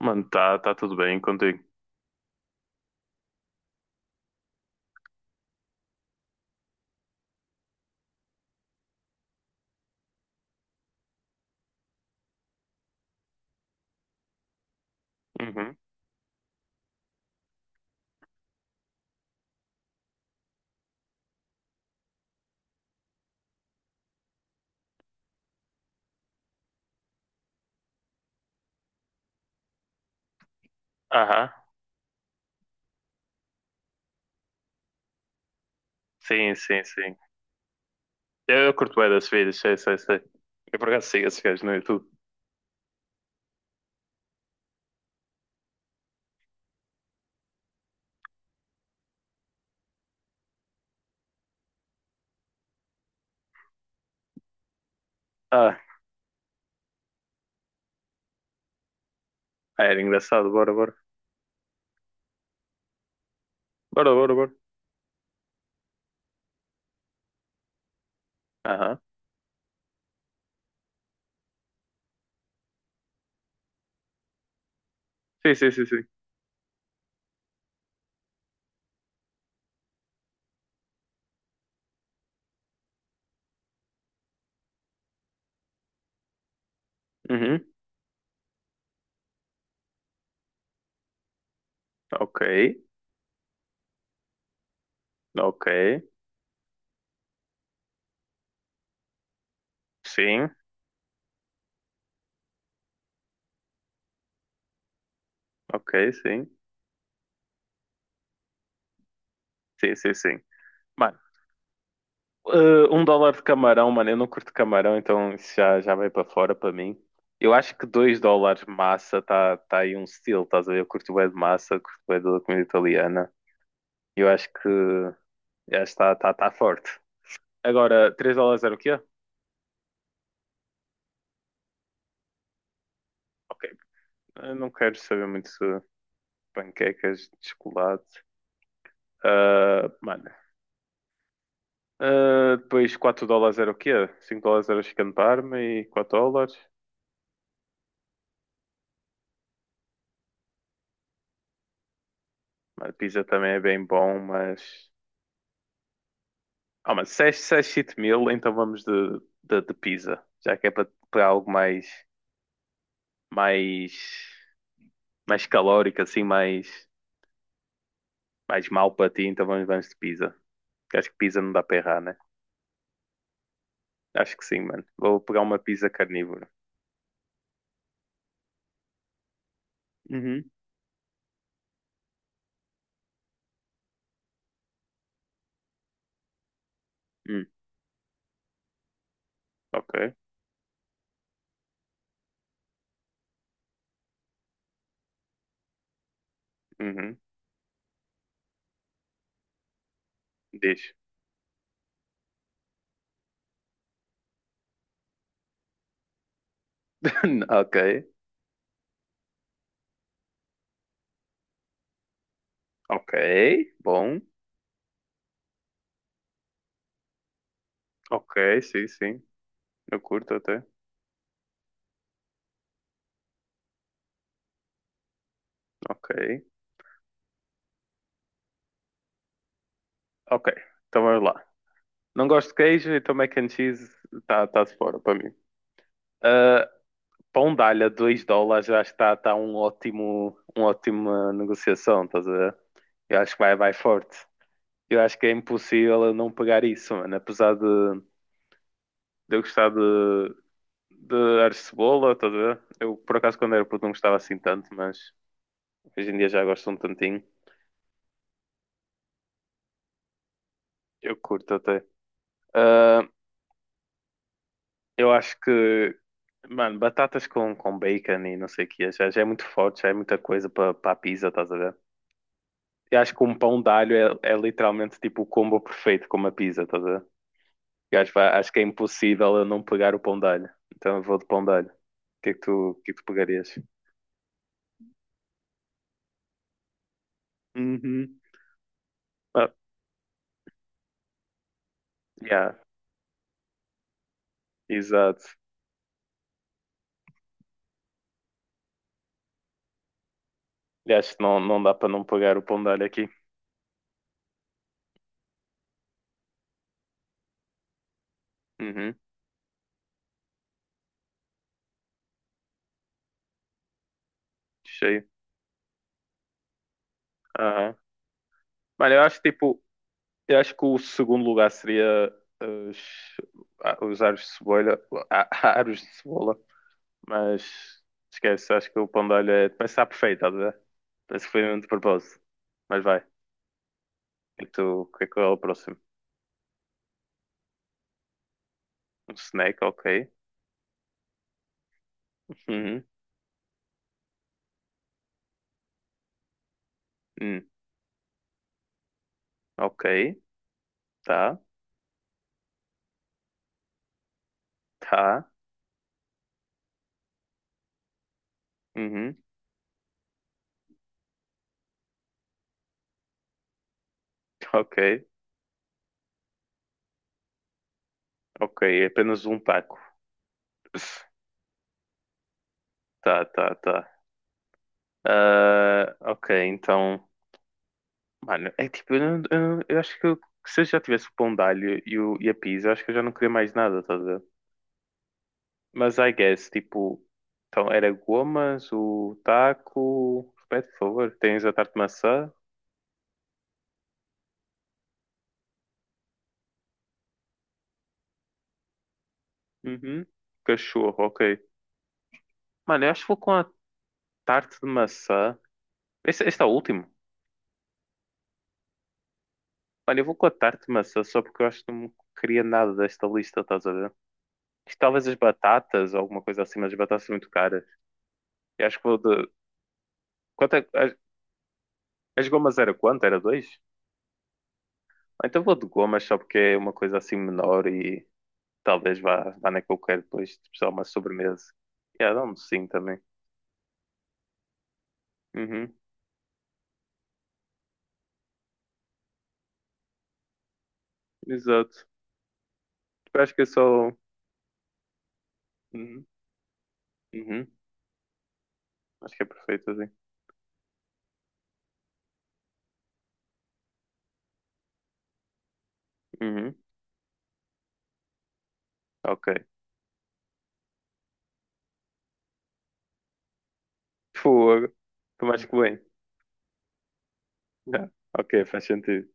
Mano, tá tudo bem contigo. Uhum. Aham. Sim, sim, sim. Eu curto bem das vidas, sei, sei, sei. Eu por acaso sigo esses gajos no YouTube. Ah, era engraçado, bora, bora. Bora, bora, bora. Aham. Sim, sim, sim, sim. Uhum. Ok, ok. Sim, ok, sim. Sim, sim, sim. Mano, eh, 1 dólar de camarão, mano, eu não curto camarão, então isso já vai para fora para mim. Eu acho que 2 dólares massa tá aí um estilo, estás a ver? Eu curto bem de massa, curto bem da comida italiana. Eu acho que já está forte. Agora, 3 dólares era o quê? Ok, eu não quero saber muito sobre panquecas de chocolate. Ah, mano. Ah, depois 4 dólares era o quê? 5 dólares era o chicken parma e 4 dólares. Mano, pizza também é bem bom, mas... Ah, mas 6 6 7 mil, então vamos de pizza. Já que é para algo Mais... Mais calórico, assim, mais mal para ti, então vamos de pizza. Porque acho que pizza não dá para errar, né? Acho que sim, mano. Vou pegar uma pizza carnívora. Uhum. Hum, ok. Uhum. Diz. Ok. Ok. Bom. Ok, sim, sim. Eu curto até. Ok. Ok. Então vamos lá. Não gosto de queijo, então mac and cheese está tá de fora para mim. Ah, pão de alho a 2 dólares, eu acho que está tá uma ótima negociação, estás a ver? Eu acho que vai forte. Eu acho que é impossível eu não pegar isso, mano. Apesar de eu gostar de ar de cebola, estás a ver? Eu, por acaso, quando era puto não gostava assim tanto, mas hoje em dia já gosto um tantinho. Eu curto até. Ah, eu acho que, mano, batatas com bacon e não sei o que, já é muito forte, já é muita coisa para a pizza, estás a ver? Eu acho que um pão de alho é literalmente tipo o combo perfeito com uma pizza, estás a ver? Eu acho, pá, acho que é impossível eu não pegar o pão de alho. Então eu vou de pão de alho. O que é que tu pegarias? Uhum. Ah, yeah, exato. E acho que não, não dá pra não pegar o pão de alho aqui. Uhum, cheio. Aham. Mano, eu acho que o segundo lugar seria eh, os, os aros de cebola, ah, aros de cebola, mas esquece, acho que o pão de alho parece estar perfeito, estás a ver? Parece que foi mesmo de propósito. Mas vai. E tu, o que é o próximo? Um snack, ok. Uhum. Hum, ok. Tá. Tá. Uhum. Ok. Ok. É apenas um taco. Tá, tá, tá. Ah, ok, então, mano, é tipo, eu, não- eu não- eu acho que eu- se eu já tivesse o pão de alho e a pizza, eu acho que eu já não queria mais nada, tá a ver? Mas I guess, tipo, então era gomas, o taco, repete, por favor, tens a tarte de maçã, uhum. Cachorro, ok. Mano, eu acho que vou com a tarte de maçã, este é o último, mano, eu vou com a tarte de maçã só porque eu acho que não queria nada desta lista, estás a ver? Talvez as batatas, ou alguma coisa assim, mas as batatas são muito caras. Eu acho que vou de, Quanto é, as gomas era quanto? Era dois? Ah, então vou de gomas só porque é uma coisa assim menor e talvez vá na que eu quero depois, tipo só uma sobremesa. E yeah, dá-me sim também. Uhum, exato. Eu acho que é só. Uhum, uhum, acho que é perfeito assim. Uhum, ok. Fogo. Tu mais que bem. Yeah, ok, faz sentido.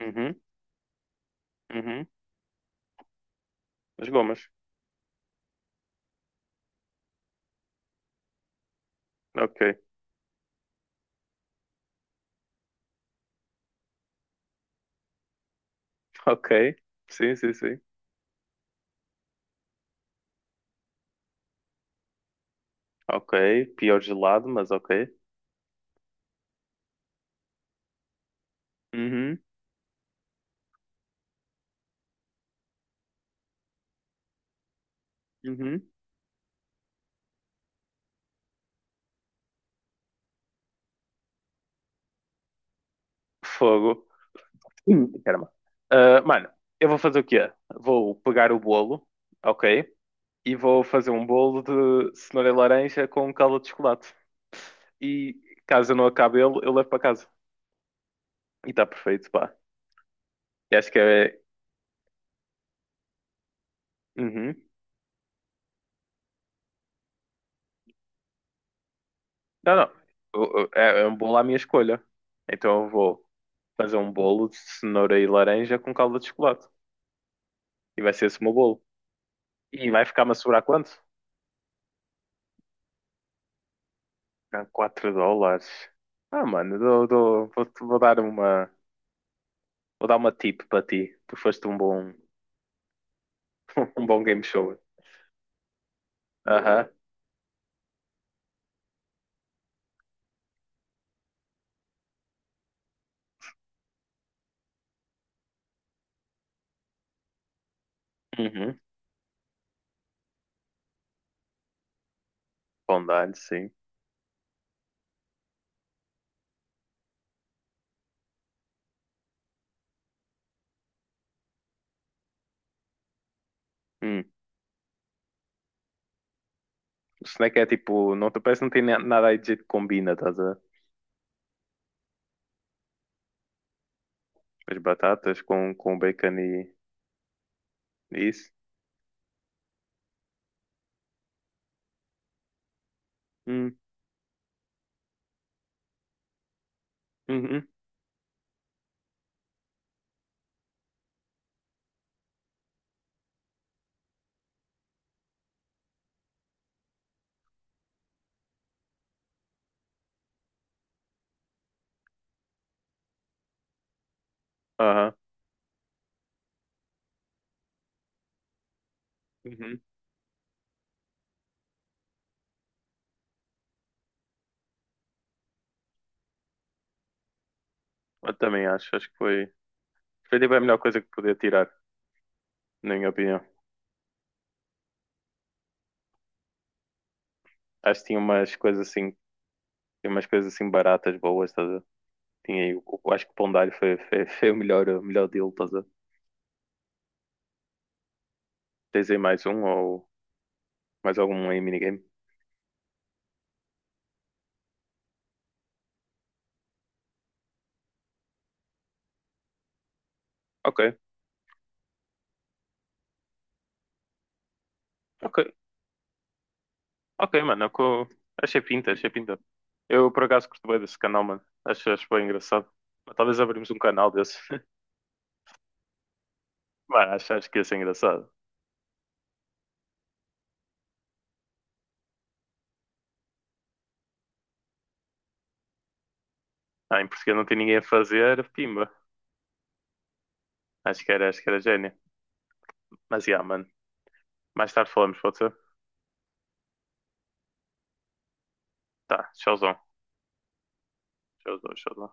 Uhum, uhum. As gomas. Ok, ok. Sim, sim, sim. Ok, pior gelado, mas ok. Uhum, uhum. Fogo. Ih, caramba. Ah, mano, eu vou fazer o quê? Vou pegar o bolo, ok? E vou fazer um bolo de cenoura e laranja com calda de chocolate. E caso eu não acabe ele, eu levo para casa. E está perfeito, pá. E acho que é. Uhum. Não, não. É um bolo à minha escolha. Então eu vou fazer um bolo de cenoura e laranja com calda de chocolate. E vai ser esse o meu bolo. E vai ficar-me a sobrar quanto? Ah, 4 dólares. Ah, mano, vou dar uma. Vou dar uma tip para ti. Tu foste um bom, um bom game show. Aham. Uhum. Bom dar-lhe, sim. Hum. O snack é tipo, não te parece que não tem nada aí de jeito que combina, estás a ver? As batatas com bacon e isso. Hum. Uhum. Aham. Uhum. Eu também acho que foi. Foi tipo a melhor coisa que podia tirar, na minha opinião. Acho que tinha umas coisas assim baratas, boas, estás a ver? Tinha aí, acho que o pão de alho foi o melhor deal, estás a ver? Tens aí mais um ou mais algum aí minigame? Ok, ok, ok, mano. Achei pinta, achei pinta. Eu por acaso curto bem desse canal, mano. Acho bem engraçado. Mas talvez abrimos um canal desse. Mano, acho que ia ser engraçado. Ah, em Portugal não tem ninguém a fazer, pimba. Acho que era gênio. Mas, yeah, mano. Mais tarde falamos, pode ser? Tá, tchauzão. Tchauzão, tchauzão.